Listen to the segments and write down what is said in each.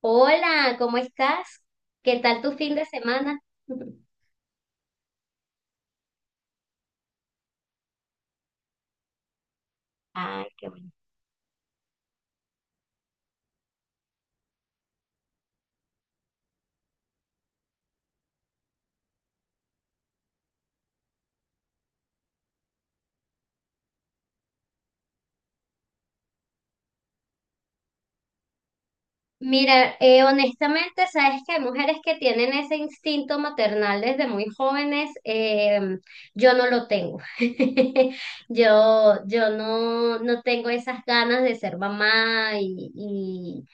Hola, ¿cómo estás? ¿Qué tal tu fin de semana? Ay, qué bueno. Mira, honestamente, sabes que hay mujeres que tienen ese instinto maternal desde muy jóvenes. Yo no lo tengo. Yo, yo no tengo esas ganas de ser mamá y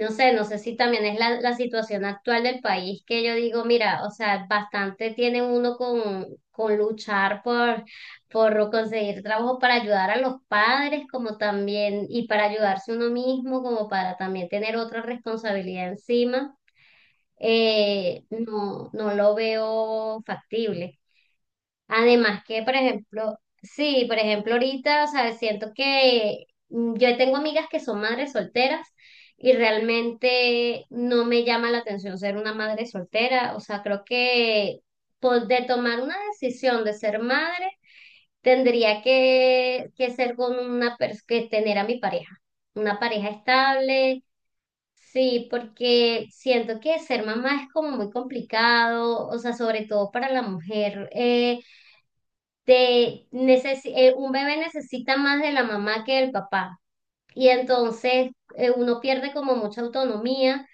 no sé, no sé si también es la situación actual del país que yo digo, mira, o sea, bastante tiene uno con luchar por conseguir trabajo para ayudar a los padres, como también, y para ayudarse uno mismo, como para también tener otra responsabilidad encima, no, no lo veo factible. Además que, por ejemplo, sí, por ejemplo, ahorita, o sea, siento que yo tengo amigas que son madres solteras. Y realmente no me llama la atención ser una madre soltera. O sea, creo que pues, de tomar una decisión de ser madre tendría que ser con una persona, que tener a mi pareja, una pareja estable, sí, porque siento que ser mamá es como muy complicado, o sea, sobre todo para la mujer. Un bebé necesita más de la mamá que del papá, y entonces uno pierde como mucha autonomía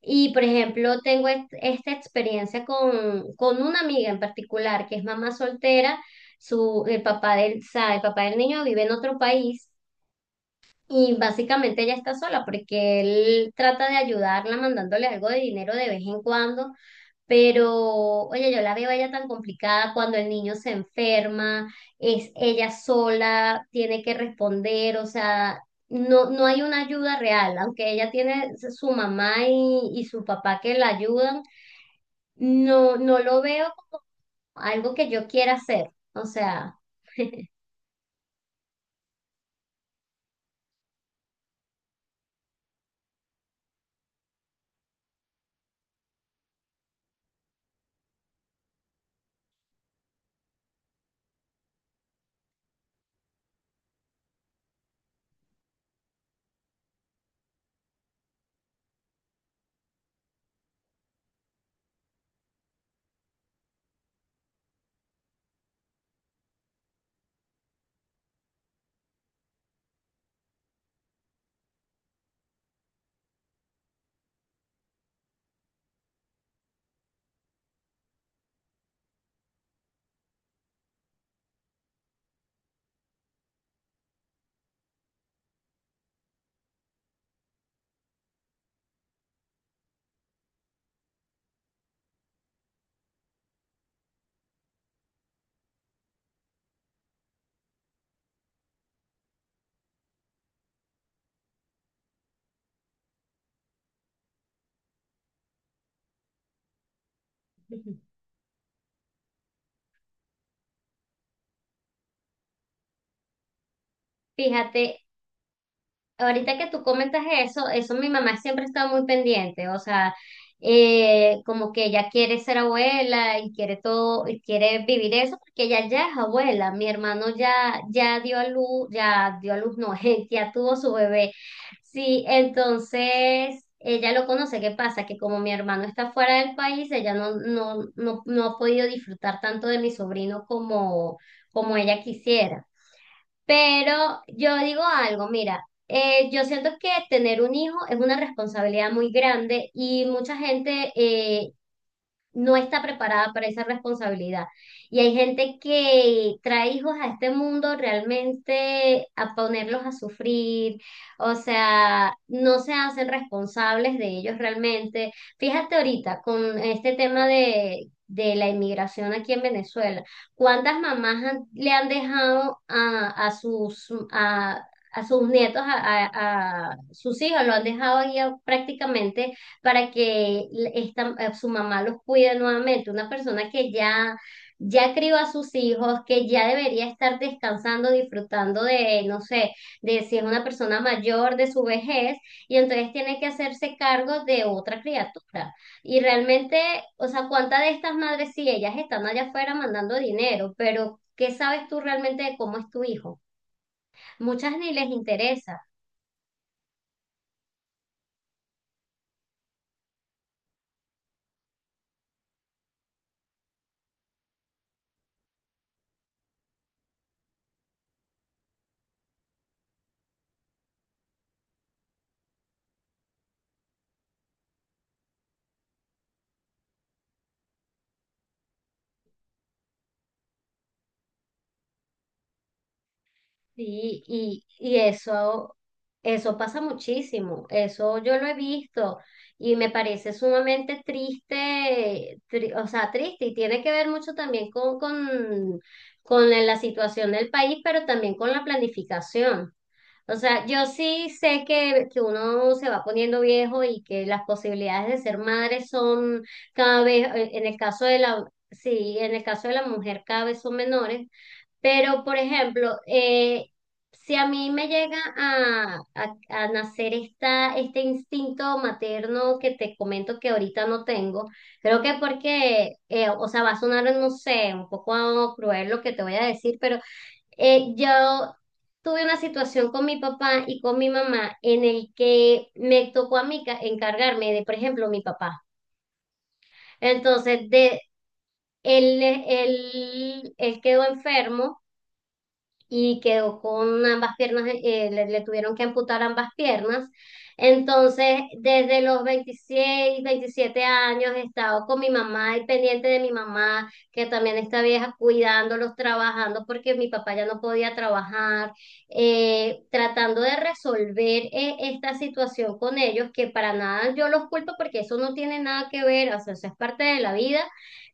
y por ejemplo, tengo esta experiencia con una amiga en particular que es mamá soltera, el papá del, o sea, el papá del niño vive en otro país y básicamente ella está sola porque él trata de ayudarla mandándole algo de dinero de vez en cuando, pero, oye, yo la veo a ella tan complicada cuando el niño se enferma, es ella sola, tiene que responder, o sea, no, no hay una ayuda real, aunque ella tiene su mamá y su papá que la ayudan, no, no lo veo como algo que yo quiera hacer. O sea, fíjate, ahorita que tú comentas eso, mi mamá siempre está muy pendiente, o sea, como que ella quiere ser abuela y quiere todo, y quiere vivir eso, porque ella ya es abuela, mi hermano ya, ya dio a luz, ya dio a luz, no, ya tuvo su bebé. Sí, entonces ella lo conoce. ¿Qué pasa? Que como mi hermano está fuera del país, ella no, no, no, no ha podido disfrutar tanto de mi sobrino como, como ella quisiera. Pero yo digo algo, mira, yo siento que tener un hijo es una responsabilidad muy grande y mucha gente no está preparada para esa responsabilidad. Y hay gente que trae hijos a este mundo realmente a ponerlos a sufrir, o sea, no se hacen responsables de ellos realmente. Fíjate ahorita con este tema de la inmigración aquí en Venezuela, ¿cuántas mamás le han dejado a, a sus nietos, a sus hijos, lo han dejado ahí prácticamente para que su mamá los cuide nuevamente. Una persona que ya crió a sus hijos, que ya debería estar descansando, disfrutando de, no sé, de si es una persona mayor, de su vejez, y entonces tiene que hacerse cargo de otra criatura. Y realmente, o sea, ¿cuántas de estas madres, sí, ellas están allá afuera mandando dinero, pero qué sabes tú realmente de cómo es tu hijo? Muchas ni les interesa. Sí, y eso, pasa muchísimo, eso yo lo he visto y me parece sumamente triste, o sea, triste y tiene que ver mucho también con la situación del país, pero también con la planificación. O sea, yo sí sé que uno se va poniendo viejo y que las posibilidades de ser madre son cada vez, en el caso de la, sí, en el caso de la mujer cada vez son menores, pero, por ejemplo, si a mí me llega a, a nacer este instinto materno que te comento que ahorita no tengo, creo que porque, o sea, va a sonar, no sé, un poco cruel lo que te voy a decir, pero yo tuve una situación con mi papá y con mi mamá en el que me tocó a mí encargarme de, por ejemplo, mi papá. Entonces, él, él quedó enfermo. Y quedó con ambas piernas, le tuvieron que amputar ambas piernas. Entonces, desde los 26 27 años he estado con mi mamá y pendiente de mi mamá, que también está vieja, cuidándolos, trabajando, porque mi papá ya no podía trabajar, tratando de resolver esta situación con ellos, que para nada yo los culpo porque eso no tiene nada que ver, o sea, eso es parte de la vida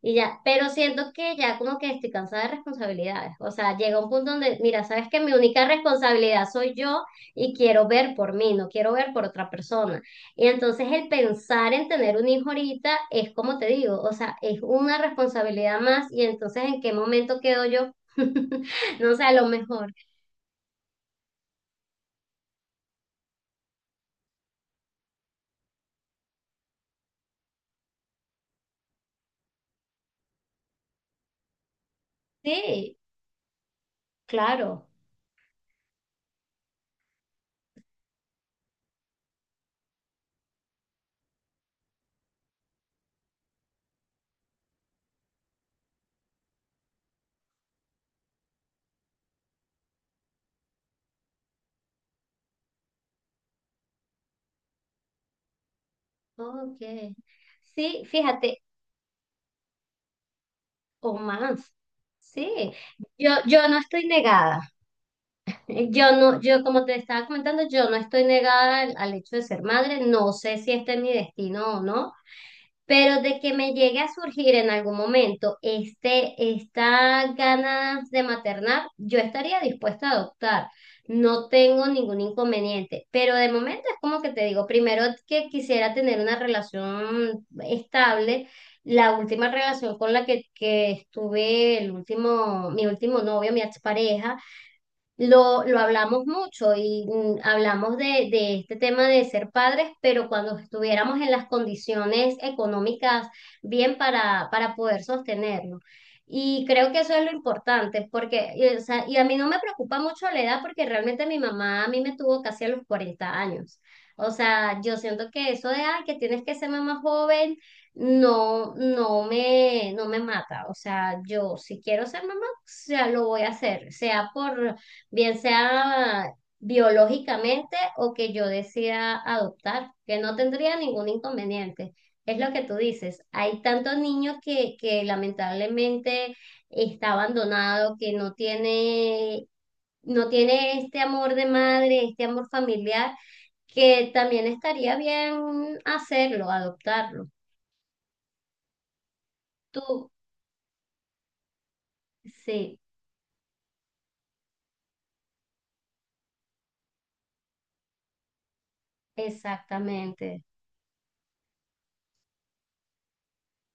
y ya, pero siento que ya como que estoy cansada de responsabilidades. O sea, llega un punto donde, mira, sabes que mi única responsabilidad soy yo y quiero ver por mí, no quiero ver por otra persona. Y entonces el pensar en tener un hijo ahorita es como te digo, o sea, es una responsabilidad más y entonces ¿en qué momento quedo yo? No sé, a lo mejor. Sí, claro. Ok. Sí, fíjate, o más. Sí, yo no estoy negada. Yo no, yo como te estaba comentando, yo no estoy negada al, hecho de ser madre, no sé si este es mi destino o no, pero de que me llegue a surgir en algún momento este, esta ganas de maternar, yo estaría dispuesta a adoptar, no tengo ningún inconveniente, pero de momento es como que te digo, primero que quisiera tener una relación estable. La última relación con la que estuve, el último, mi último novio, mi expareja, lo hablamos mucho y hablamos de, este tema de ser padres, pero cuando estuviéramos en las condiciones económicas bien para, poder sostenerlo. Y creo que eso es lo importante, porque, y, o sea, y a mí no me preocupa mucho la edad, porque realmente mi mamá a mí me tuvo casi a los 40 años. O sea, yo siento que eso de, ay, que tienes que ser mamá joven, no, no me mata. O sea, yo si quiero ser mamá, o sea, lo voy a hacer, sea por bien sea biológicamente o que yo decida adoptar, que no tendría ningún inconveniente. Es lo que tú dices, hay tantos niños que lamentablemente está abandonado, que no tiene, no tiene este amor de madre, este amor familiar, que también estaría bien hacerlo, adoptarlo. Tú, sí, exactamente.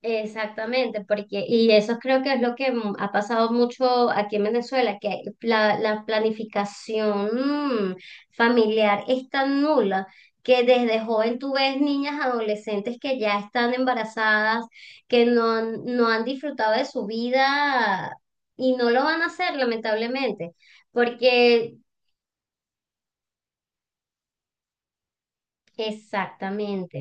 Exactamente, porque, y eso creo que es lo que ha pasado mucho aquí en Venezuela, que la planificación familiar es tan nula que desde joven tú ves niñas adolescentes que ya están embarazadas, que no han, no han disfrutado de su vida y no lo van a hacer, lamentablemente, porque exactamente.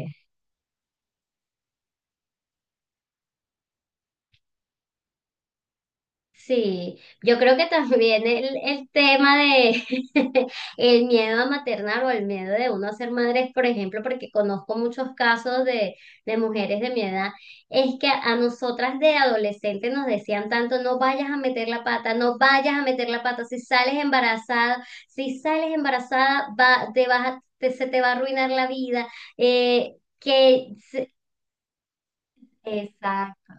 Sí, yo creo que también el tema de el miedo a maternar o el miedo de uno a ser madre, por ejemplo, porque conozco muchos casos de mujeres de mi edad, es que a nosotras de adolescentes nos decían tanto, no vayas a meter la pata, no vayas a meter la pata, si sales embarazada, si sales embarazada, va, te vas a- te- se te va a arruinar la vida. eh, que... se- Exacto.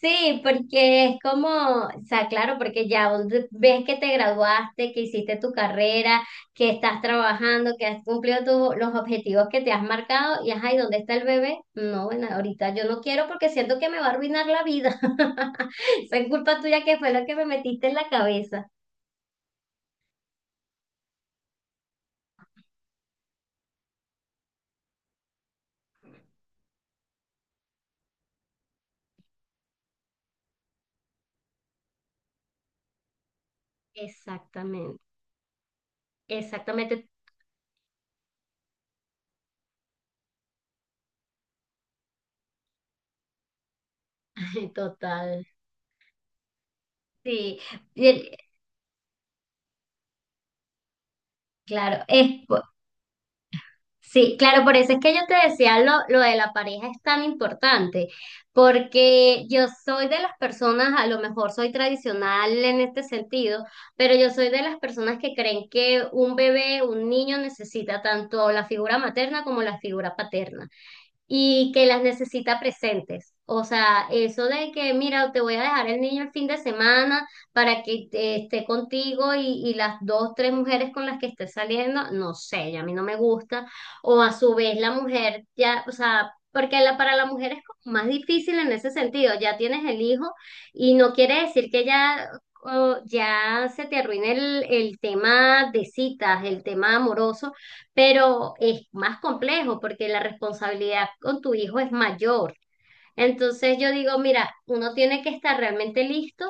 Sí, porque es como, o sea, claro, porque ya vos ves que te graduaste, que hiciste tu carrera, que estás trabajando, que has cumplido los objetivos que te has marcado y ajá, ¿y dónde está el bebé? No, bueno, ahorita yo no quiero porque siento que me va a arruinar la vida. Esa es culpa tuya que fue lo que me metiste en la cabeza. Exactamente, exactamente, total. Sí, y el- claro, es sí, claro, por eso es que yo te decía lo de la pareja es tan importante, porque yo soy de las personas, a lo mejor soy tradicional en este sentido, pero yo soy de las personas que creen que un bebé, un niño necesita tanto la figura materna como la figura paterna y que las necesita presentes. O sea, eso de que, mira, te voy a dejar el niño el fin de semana para que esté contigo y las dos, tres mujeres con las que estés saliendo, no sé, ya a mí no me gusta. O a su vez la mujer, ya, o sea, porque para la mujer es como más difícil en ese sentido, ya tienes el hijo y no quiere decir que ya... o ya se te arruine el tema de citas, el tema amoroso, pero es más complejo porque la responsabilidad con tu hijo es mayor. Entonces yo digo, mira, uno tiene que estar realmente listo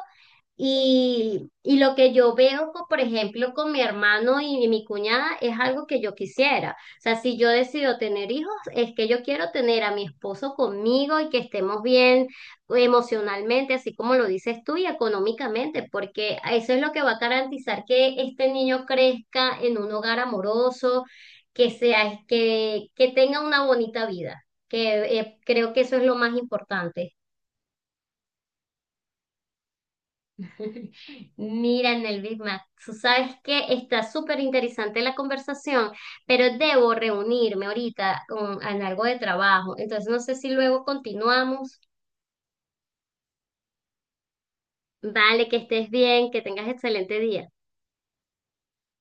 y lo que yo veo, por ejemplo, con mi hermano y mi cuñada es algo que yo quisiera. O sea, si yo decido tener hijos, es que yo quiero tener a mi esposo conmigo y que estemos bien pues, emocionalmente, así como lo dices tú, y económicamente, porque eso es lo que va a garantizar que este niño crezca en un hogar amoroso, que sea, que tenga una bonita vida, que creo que eso es lo más importante. Miren el Big Mac. Tú sabes que está súper interesante la conversación, pero debo reunirme ahorita con, en algo de trabajo. Entonces no sé si luego continuamos. Vale, que estés bien, que tengas excelente día.